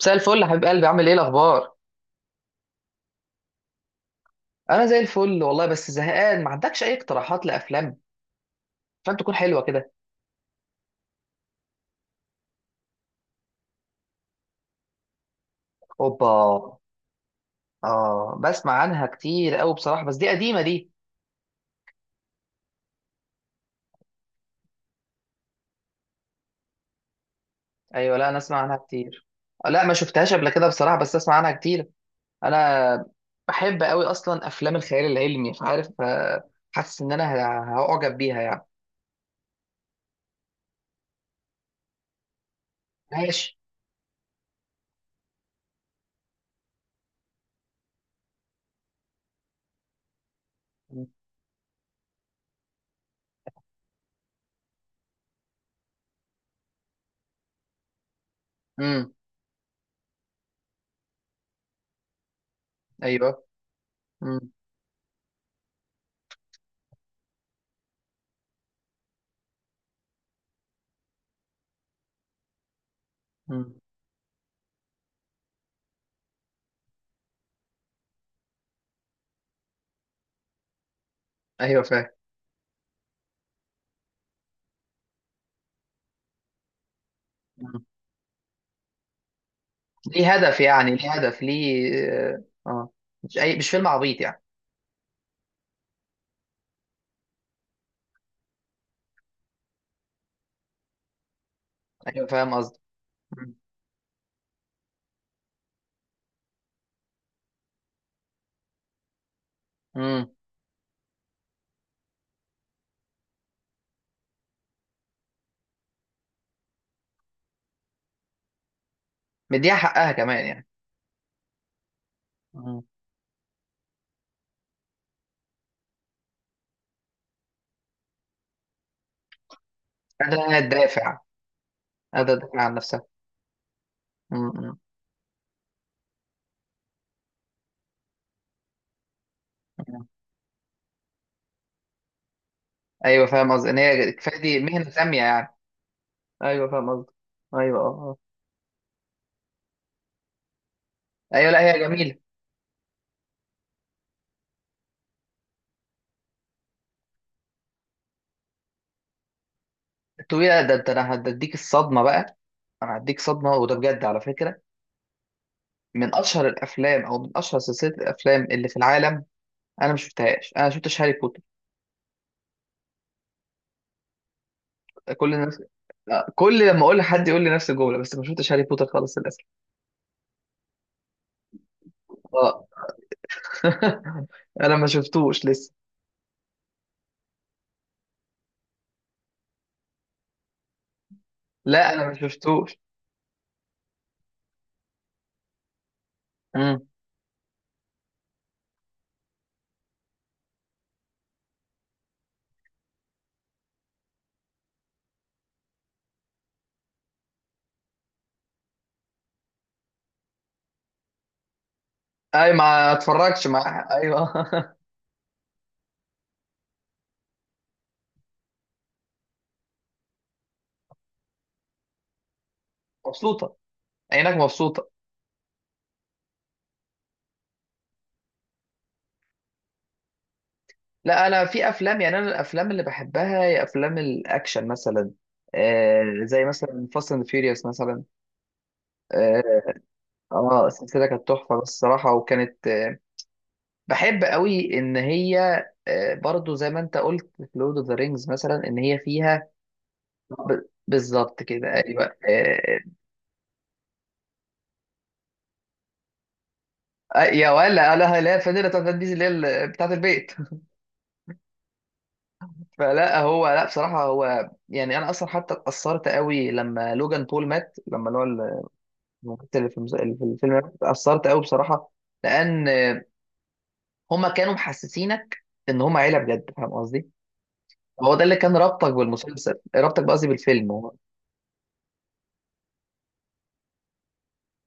مساء الفل يا حبيب قلبي، عامل ايه الاخبار؟ انا زي الفل والله، بس زهقان. ما عندكش اي اقتراحات لافلام فاهم، تكون حلوه كده؟ اوبا. اه، بسمع عنها كتير قوي بصراحه، بس دي قديمه دي. ايوه، لا انا اسمع عنها كتير. لا، ما شفتهاش قبل كده بصراحه، بس اسمع عنها كتير. انا بحب قوي اصلا افلام الخيال العلمي، مش عارف، حاسس ان انا هعجب بيها يعني. ماشي. امم. ايوه. امم. ايوه، فاهم. ليه هدف يعني، ليه هدف، ليه؟ اه. آه، مش اي، مش فيلم عبيط يعني. ايوه، فاهم قصدي. امم. مديها حقها كمان يعني. مم. قادرة انها تدافع. قادرة تدافع عن نفسها. مم. مم. مم. ايوه، فاهم قصدي ان هي كفايه، دي مهنة سامية يعني. ايوه، فاهم قصدي. ايوه، اه، آه. ايوه، لا هي جميلة. الطويلة ده ده انا هديك الصدمة بقى. انا هديك صدمة، وده بجد على فكرة. من اشهر الافلام، او من اشهر سلسلة الافلام اللي في العالم. انا ما شفتهاش، انا ما شفتش هاري بوتر. كل الناس. لا، كل لما اقول لحد يقول لي نفس الجمله، بس ما شفتش هاري بوتر خالص للاسف. اه. انا ما شفتوش لسه. لا، انا ما شفتوش. امم. اي، ما اتفرجتش، مع ايوه. مبسوطه. عينك مبسوطه. لا، انا في افلام يعني، انا الافلام اللي بحبها هي افلام الاكشن مثلا. آه، زي مثلا فاست اند فيوريوس مثلا. اه، السلسله كانت تحفه الصراحه، وكانت بحب قوي ان هي برضو زي ما انت قلت في لورد اوف ذا رينجز مثلا، ان هي فيها. بالظبط كده، ايوه. يا ولا، لا لا الفانيلا بتاعت فان ديزل اللي هي بتاعت البيت. فلا، هو لا بصراحه، هو يعني انا اصلا حتى اتاثرت قوي لما لوجان بول مات، لما اللي هو الممثل اللي في اللي في الفيلم مات، اتاثرت قوي بصراحه. لان هما كانوا محسسينك ان هما عيله بجد، فاهم قصدي. هو ده اللي كان رابطك بالمسلسل، رابطك بقصدي بالفيلم.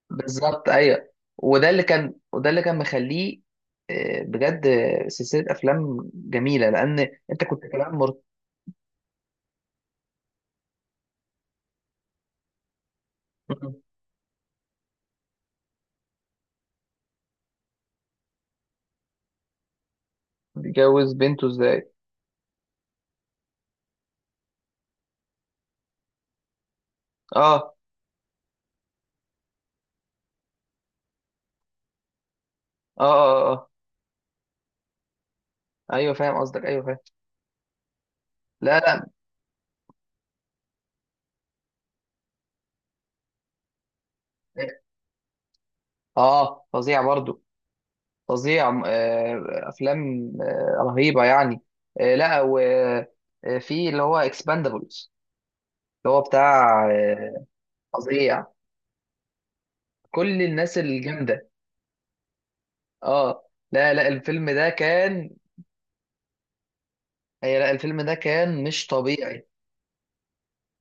بالظبط، ايوه. وده اللي كان، وده اللي كان مخليه. بجد، سلسله افلام جميله، لان انت كنت كمان مرت. متجوز بنته ازاي؟ اه، اه. اه، اه. آه. ايوه، فاهم قصدك، ايوه فاهم. لا، لا. اه، فظيع برضو. فظيع. افلام رهيبه يعني. لا، وفي اللي هو اكسباندابلز. اللي هو بتاع. فظيع. كل الناس الجامده. اه، لا لا الفيلم ده كان. هي لا، الفيلم ده كان مش طبيعي.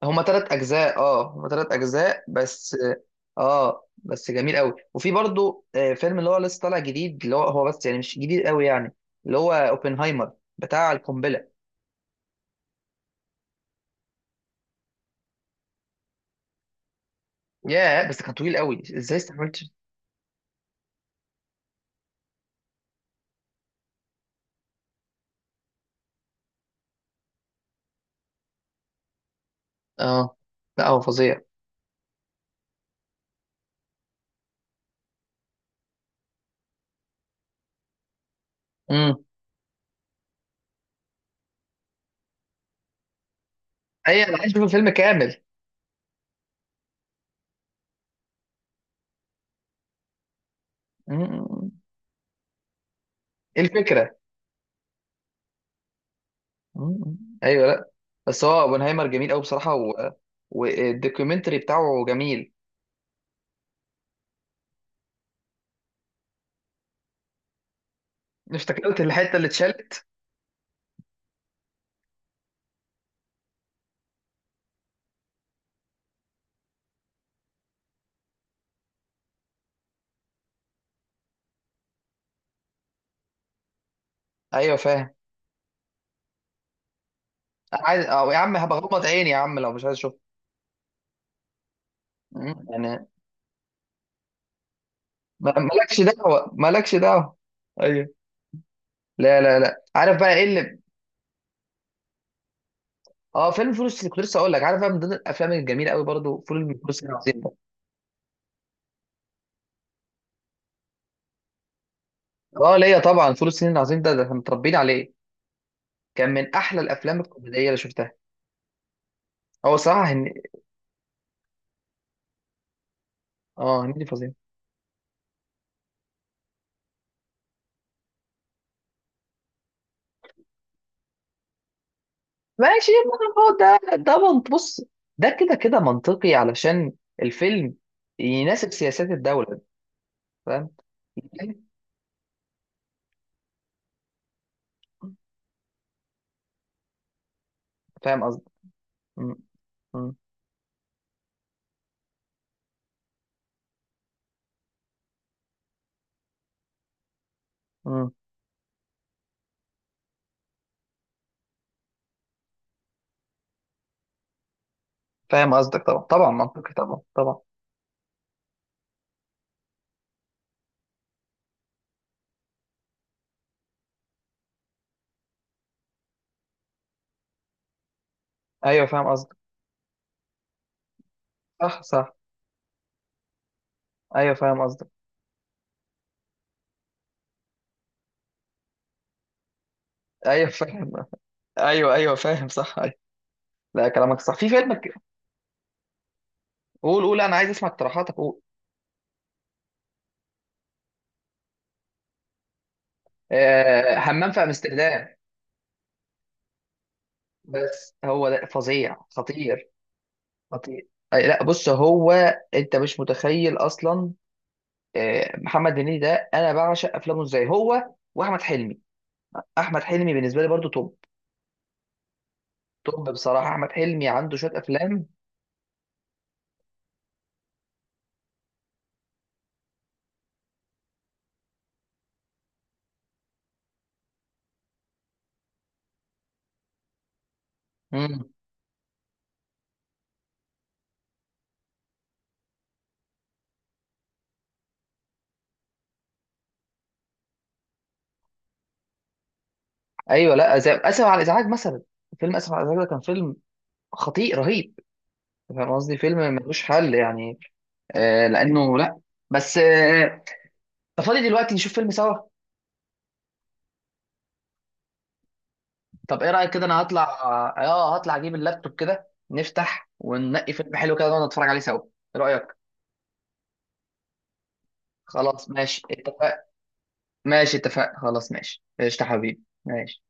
هما تلات اجزاء، اه هما تلات اجزاء بس. اه، بس جميل قوي، وفي برضو فيلم اللي هو لسه طالع جديد، اللي هو بس يعني مش جديد قوي يعني. اللي هو اوبنهايمر. بتاع القنبله. ياه، بس كان طويل قوي، ازاي استحملت؟ اه. لا هو فظيع. امم. ايوه، انا عايز اشوف الفيلم كامل. مم. ايه الفكره؟ مم. ايوه، لا. بس هو اوبنهايمر جميل قوي بصراحه. والدوكيومنتري بتاعه جميل. افتكرت الحته اللي اتشالت. ايوه، فاهم. انا عايز، أو يا عم هبغمض عيني يا عم لو مش عايز اشوف. مم. يعني، مالكش دعوه، مالكش دعوه. ايوه. لا لا، لا عارف بقى ايه اللي. اه، فيلم فول الصين كنت لسه اقول لك، عارف بقى من ضمن الافلام الجميله قوي برضو، فول الصين العظيم ده. اه، ليا طبعا، فول الصين العظيم ده احنا متربيين عليه. كان من احلى الافلام الكوميديه اللي شفتها. هو صراحه. اه، هنيدي فظيع. ماشي ما هو ده، بص. ده كده كده منطقي علشان الفيلم يناسب سياسات الدوله. فاهم. فاهم. مم. مم. مم. فاهم قصدك، طبعا طبعا منطقي، طبعا طبعا. ايوه، فاهم قصدك. صح صح، ايوه. فاهم قصدك، ايوه فاهم. ايوه ايوه، فاهم، صح ايوه. لا، كلامك صح، في فيلم. قول قول، انا عايز اسمع اقتراحاتك، قول. همام في امستردام. بس هو ده فظيع، خطير. خطير. أي، لا بص هو. انت مش متخيل اصلا. محمد هنيدي ده انا بعشق افلامه ازاي، هو واحمد حلمي. احمد حلمي بالنسبه لي برضو توب. توب بصراحه، احمد حلمي عنده شويه افلام. مم. ايوه، لا زي اسف على الازعاج مثلا. فيلم اسف على الازعاج ده كان فيلم خطير رهيب. فاهم قصدي، فيلم ملوش حل يعني. لانه، لا. بس أنت فاضي دلوقتي؟ نشوف فيلم سوا؟ طب ايه رايك كده، انا هطلع، هطلع اجيب اللابتوب كده، نفتح وننقي فيلم حلو كده ونقعد نتفرج عليه سوا. ايه رايك؟ خلاص ماشي، اتفق. ماشي اتفق، خلاص ماشي، قشطة حبيبي ماشي.